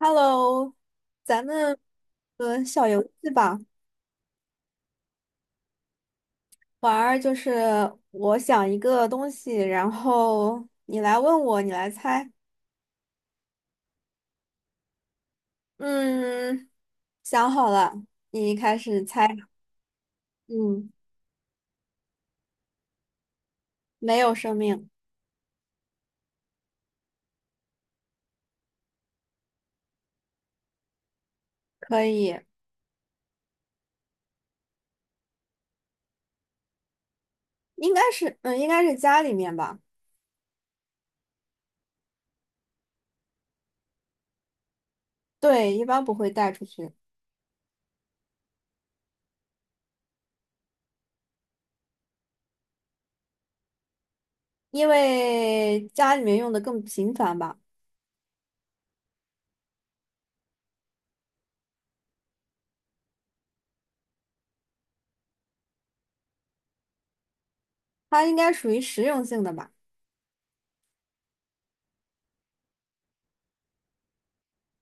Hello,咱们小游戏吧，玩儿就是我想一个东西，然后你来问我，你来猜。嗯，想好了，你开始猜。嗯，没有生命，可以，应该是家里面吧。对，一般不会带出去，因为家里面用的更频繁吧。它应该属于实用性的吧？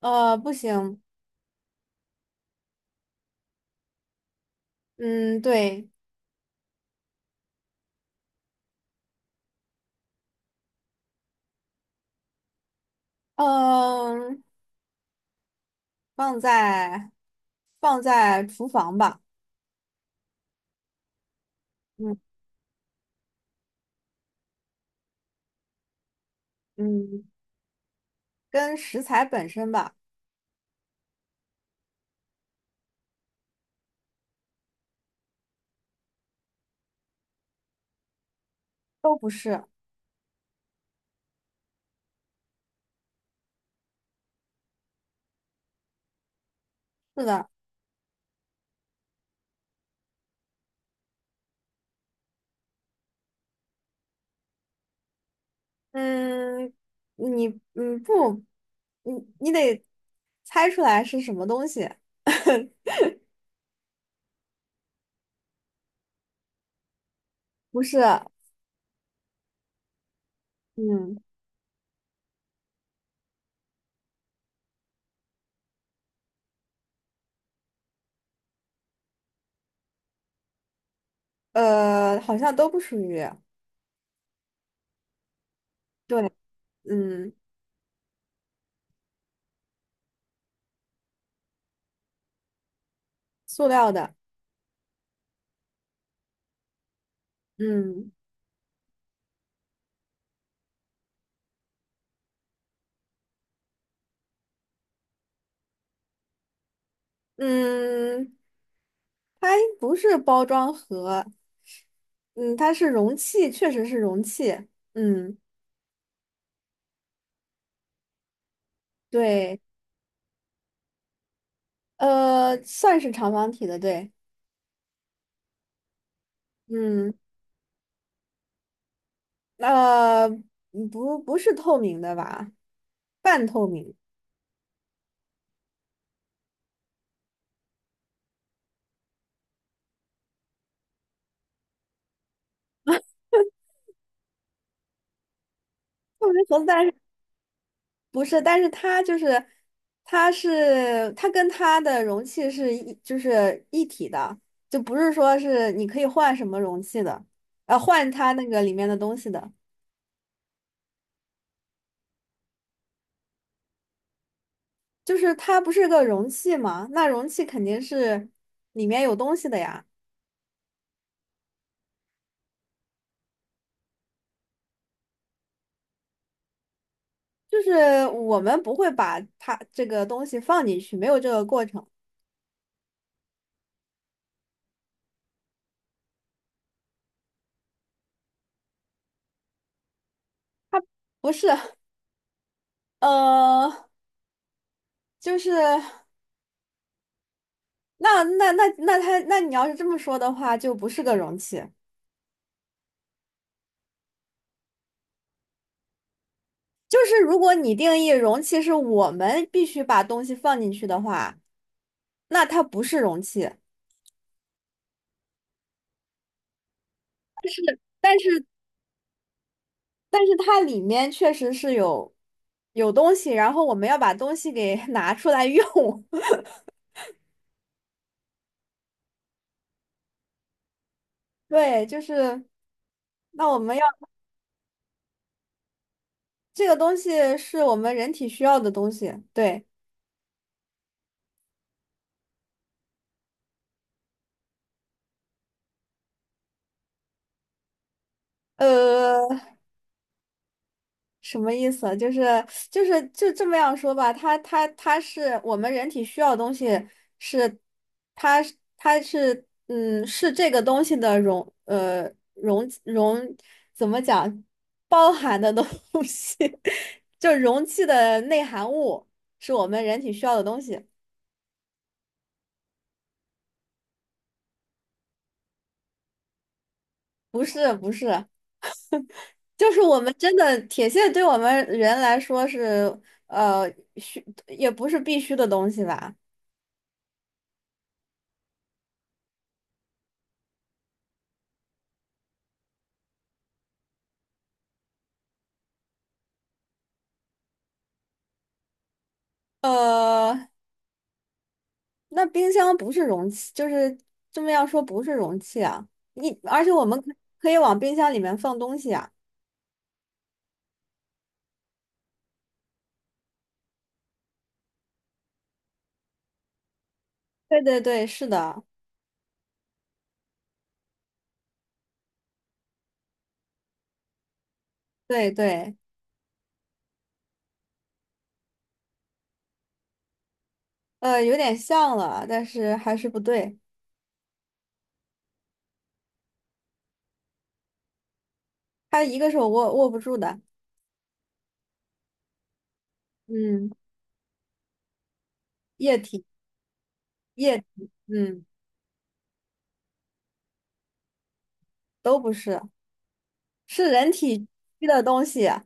不行，嗯，对，嗯、放在放在厨房吧，嗯嗯，跟食材本身吧，都不是，是的，嗯，你不，你你得猜出来是什么东西，不是，嗯好像都不属于，对，嗯，塑料的，嗯嗯，它不是包装盒，嗯，它是容器，确实是容器，嗯，对。算是长方体的，对，嗯，不，不是透明的吧？半透明，透明盒子，但是不是？但是它就是，它跟它的容器是一体的，就不是说是你可以换什么容器的，换它那个里面的东西的，就是它不是个容器嘛？那容器肯定是里面有东西的呀，就是我们不会把它这个东西放进去，没有这个过程。不是，呃，就是那那那那它那你要是这么说的话，就不是个容器。就是如果你定义容器是我们必须把东西放进去的话，那它不是容器。但是但是它里面确实是有东西，然后我们要把东西给 拿出来用。对，就是那我们要这个东西是我们人体需要的东西。对，呃。什么意思啊就这么样说吧，它是我们人体需要的东西是，它是是这个东西的容呃容容怎么讲包含的东西，就容器的内含物是我们人体需要的东西，不是，就是我们真的铁线对我们人来说是呃需也不是必须的东西吧。呃，那冰箱不是容器，就是这么要说不是容器啊。你而且我们可可以往冰箱里面放东西啊。对，是的，对对，有点像了，但是还是不对。它一个是我握不住的，嗯，液体液体，嗯，都不是，是人体区的东西啊。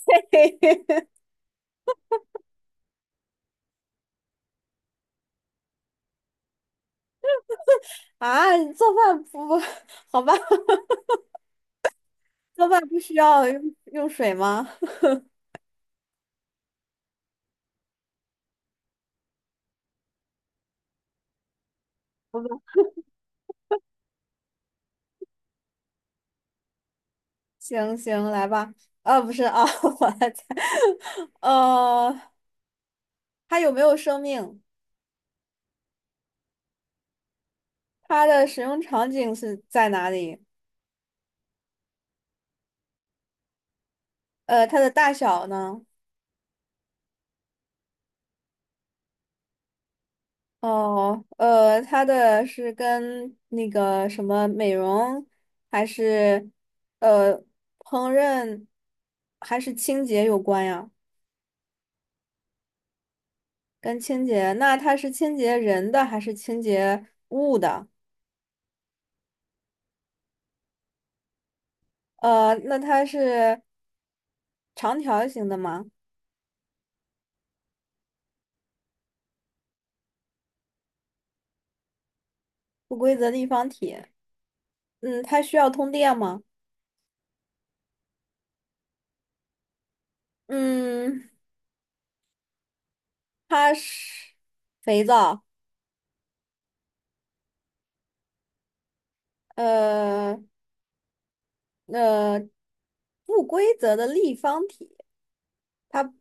啊，做饭不不，好吧，做饭不需要用水吗？行，来吧。啊，不是啊，我来猜，呃，它有没有生命？它的使用场景是在哪里？呃，它的大小呢？哦，呃，它的是跟那个什么美容，还是呃烹饪，还是清洁有关呀？跟清洁，那它是清洁人的还是清洁物的？呃，那它是长条形的吗？不规则立方体。嗯，它需要通电吗？嗯，它是肥皂，呃呃，不规则的立方体，它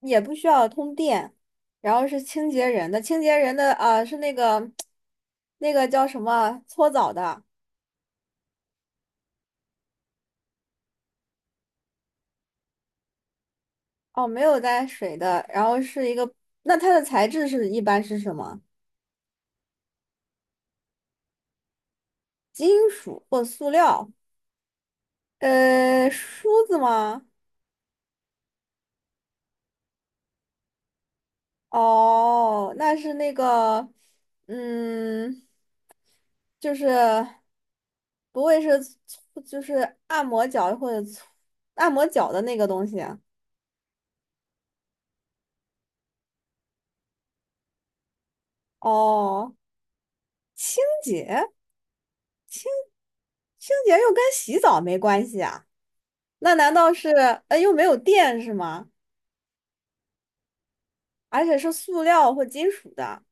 也不需要通电，然后是清洁人的，清洁人的啊、是那个那个叫什么啊搓澡的哦，没有带水的，然后是一个，那它的材质是一般是什么？金属或塑料？呃，梳子吗？哦，那是那个，嗯，就是不会是搓就是按摩脚或者搓按摩脚的那个东西啊哦，清洁，清洁又跟洗澡没关系啊？那难道是，呃，又没有电是吗？而且是塑料或金属的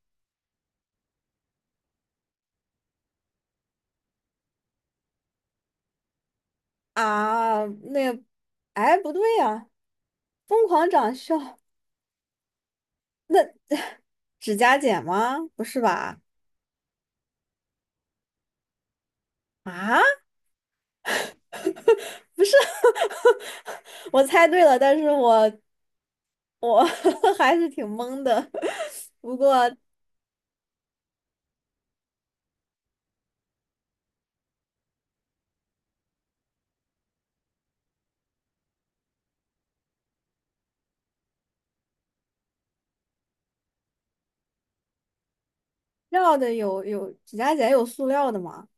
啊？那，哎，不对呀、疯狂长笑，那指甲剪吗？不是吧？啊？不是，我猜对了，但是我 还是挺懵的。不过绕的有指甲剪有塑料的吗？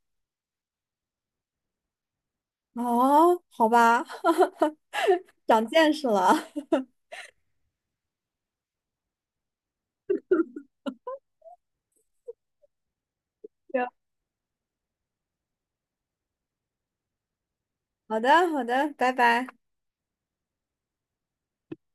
哦，好吧，长见识了。行，好的，好的，拜拜。